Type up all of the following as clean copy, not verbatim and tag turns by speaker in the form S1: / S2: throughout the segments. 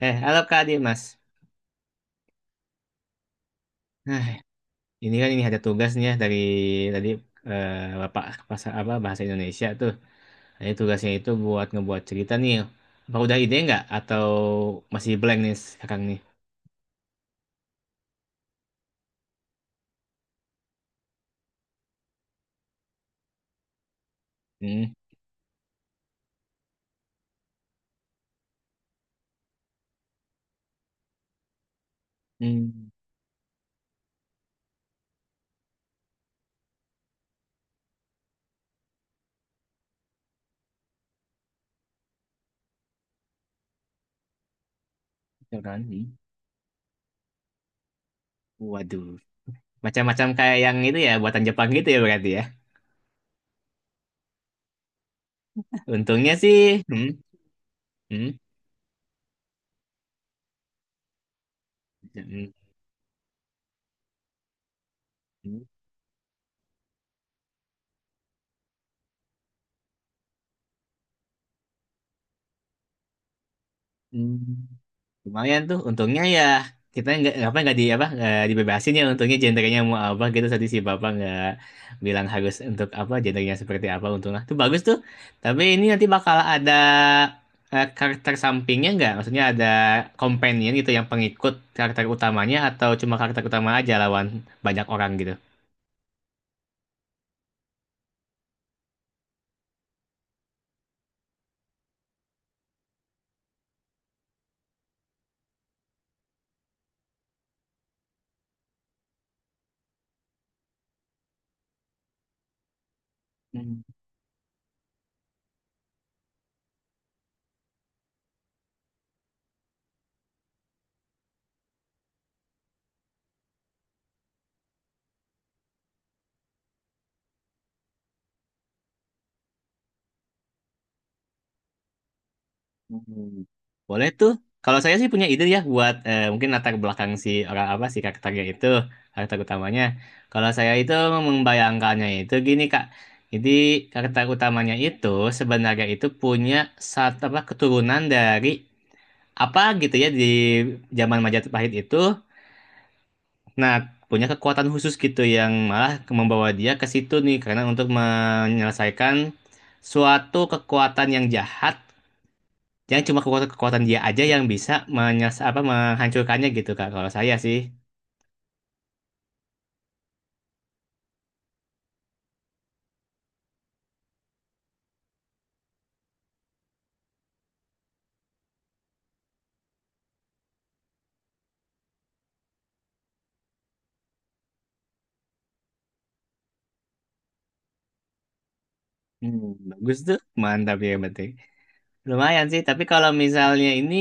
S1: Halo Kak Adi, Mas. Nah, ini kan ini ada tugasnya dari tadi eh, Bapak bahasa apa bahasa Indonesia tuh. Ini tugasnya itu buat ngebuat cerita nih. Apa udah ide nggak atau masih blank nih sekarang nih? Hmm. Hmm. Sekarang nih. Waduh. Macam-macam kayak yang itu ya buatan Jepang gitu ya berarti ya. Untungnya sih. Hmm. Hmm. Hmm. Hmm. Lumayan tuh, untungnya ya kita nggak apa nggak di apa nggak dibebasin ya untungnya gendernya mau apa gitu tadi si bapak nggak bilang harus untuk apa gendernya seperti apa untungnya tuh bagus tuh. Tapi ini nanti bakal ada karakter sampingnya nggak, maksudnya ada companion gitu yang pengikut karakter utamanya atau cuma karakter utama aja lawan banyak orang gitu. Hmm. Boleh tuh. Kalau saya sih punya ide ya buat mungkin latar belakang si orang apa si karakternya itu, karakter utamanya. Kalau saya itu membayangkannya itu gini Kak. Jadi karakter utamanya itu sebenarnya itu punya satu apa keturunan dari apa gitu ya di zaman Majapahit itu. Nah, punya kekuatan khusus gitu yang malah membawa dia ke situ nih karena untuk menyelesaikan suatu kekuatan yang jahat. Jangan cuma kekuatan-kekuatan dia aja yang bisa menyes apa menghancurkannya gitu Kak. Kalau saya sih. Hmm, bagus tuh. Mantap ya yang penting. Lumayan sih, tapi kalau misalnya ini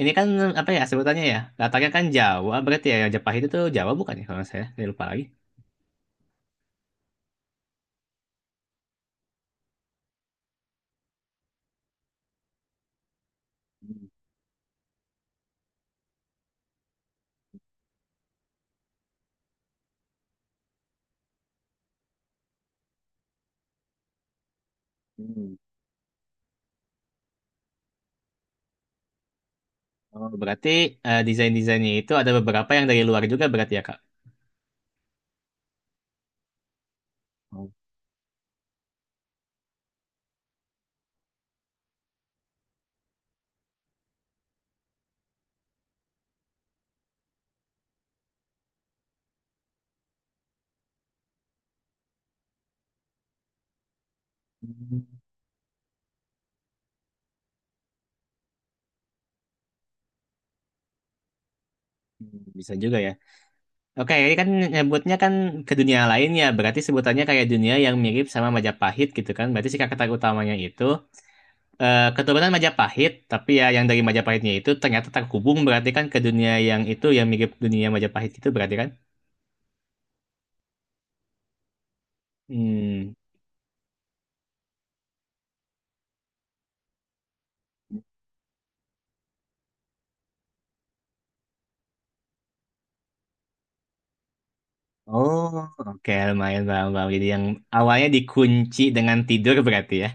S1: ini kan apa ya sebutannya ya? Latarnya kan Jawa, berarti ya yang Jepang itu tuh Jawa bukan ya kalau saya? Saya lupa lagi. Hmm. Oh, berarti desain-desainnya itu ada beberapa yang dari luar juga berarti ya Kak. Oh. Hmm. Bisa juga ya. Oke, ini kan nyebutnya kan ke dunia lain ya. Berarti sebutannya kayak dunia yang mirip sama Majapahit gitu kan. Berarti si karakter utamanya itu keturunan Majapahit, tapi ya yang dari Majapahitnya itu ternyata terhubung berarti kan ke dunia yang itu yang mirip dunia Majapahit itu berarti kan? Hmm. Oh, oke lumayan paham, paham. Jadi yang awalnya dikunci dengan tidur berarti ya.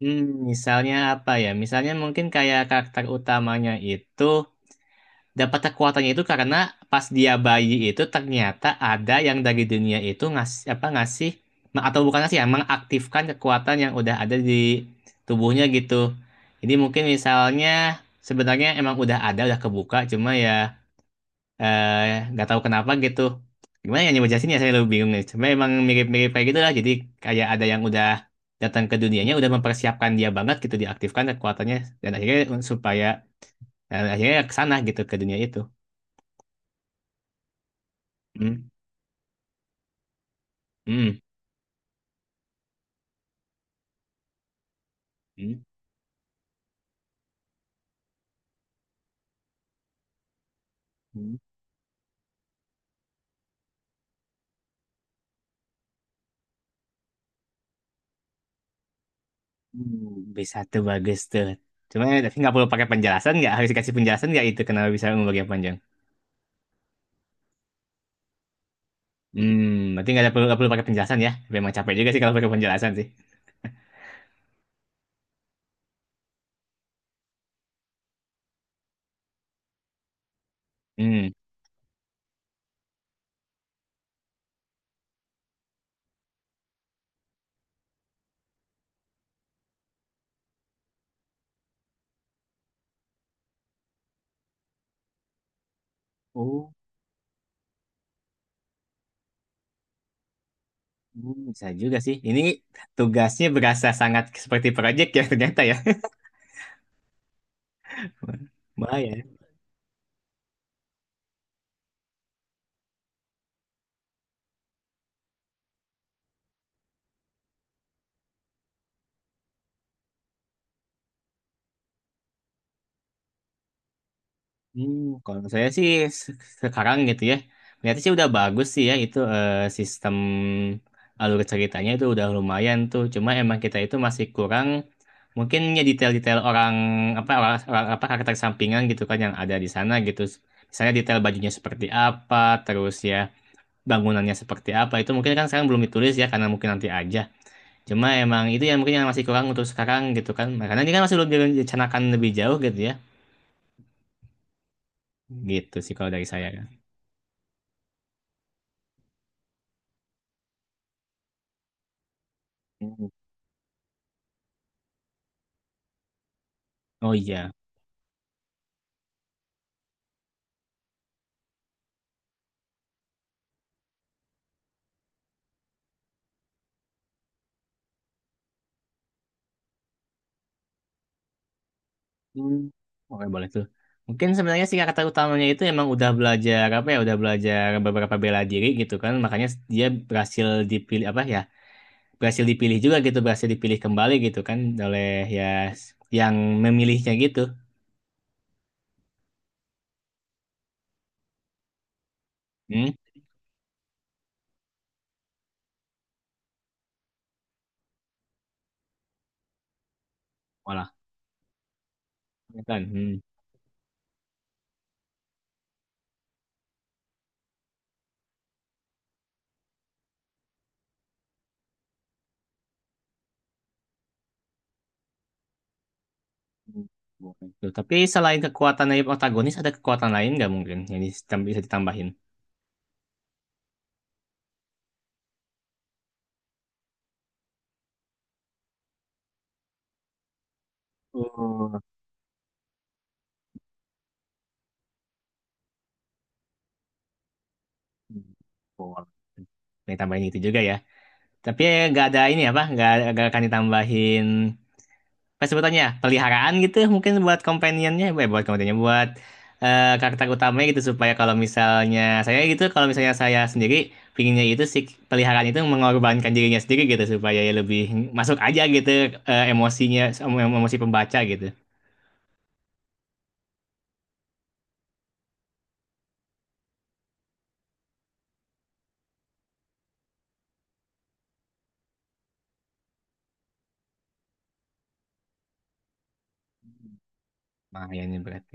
S1: Hmm, misalnya apa ya? Misalnya mungkin kayak karakter utamanya itu dapat kekuatannya itu karena pas dia bayi itu ternyata ada yang dari dunia itu ngasih apa ngasih atau bukan ngasih ya mengaktifkan kekuatan yang udah ada di tubuhnya gitu. Jadi mungkin misalnya sebenarnya emang udah ada udah kebuka cuma ya nggak tahu kenapa gitu. Gimana ya jelasin ya saya lebih bingung nih. Cuma emang mirip-mirip kayak gitu lah. Jadi kayak ada yang udah datang ke dunianya udah mempersiapkan dia banget gitu diaktifkan kekuatannya dan akhirnya supaya dan akhirnya ke sana gitu ke dunia itu. Hmm. Hmm. Hmm. Hmm. Hmm. Bisa tuh bagus tuh. Cuma tapi nggak perlu pakai penjelasan nggak? Harus dikasih penjelasan nggak itu kenapa bisa ungu bagian panjang? Hmm. Berarti nggak perlu pakai penjelasan ya? Memang capek juga sih kalau pakai penjelasan sih. Hmm. Oh, hmm, bisa juga sih. Ini tugasnya berasa sangat seperti proyek ya ternyata ya. Bahaya. Hmm, kalau saya sih se- sekarang gitu ya, berarti sih udah bagus sih ya itu sistem alur ceritanya itu udah lumayan tuh. Cuma emang kita itu masih kurang mungkin ya detail-detail orang apa orang, orang- apa karakter sampingan gitu kan yang ada di sana gitu. Misalnya detail bajunya seperti apa, terus ya bangunannya seperti apa itu mungkin kan sekarang belum ditulis ya karena mungkin nanti aja. Cuma emang itu yang mungkin yang masih kurang untuk sekarang gitu kan. Karena ini kan masih belum direncanakan lebih jauh gitu ya. Gitu sih kalau dari saya kan. Oh iya. Hmm. Oke, boleh tuh. Mungkin sebenarnya sih kata utamanya itu emang udah belajar apa ya, udah belajar beberapa bela diri gitu kan. Makanya dia berhasil dipilih apa ya? Berhasil dipilih juga gitu, berhasil dipilih kembali gitu kan oleh ya s- yang memilihnya gitu. Hmm. Walah, ya kan. Hmm. Hmm. Boleh tuh. Tapi selain kekuatan dari protagonis ada kekuatan lain nggak mungkin yang bisa ditambahin? Oh, hmm. Boleh. Ditambahin itu juga ya. Tapi nggak ada ini apa? Nggak akan ditambahin apa sebutannya ya? Peliharaan gitu mungkin buat companionnya buat karakter utamanya gitu supaya kalau misalnya saya gitu kalau misalnya saya sendiri pinginnya itu si peliharaan itu mengorbankan dirinya sendiri gitu supaya ya lebih masuk aja gitu emosi pembaca gitu. Lumayan nih berarti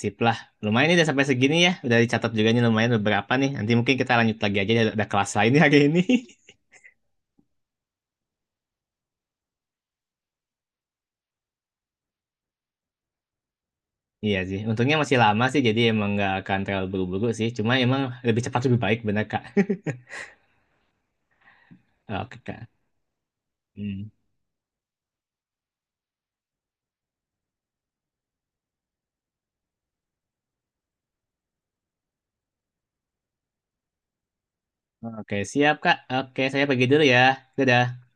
S1: sip lah lumayan nih udah sampai segini ya udah dicatat juga nih lumayan beberapa nih nanti mungkin kita lanjut lagi aja ada kelas lain nih hari ini Iya sih, untungnya masih lama sih, jadi emang nggak akan terlalu buru-buru sih. Cuma emang lebih cepat lebih baik, bener Kak. Oke, Kak. Hmm. Oke, siap, Kak. Oke, saya pergi dulu ya. Dadah.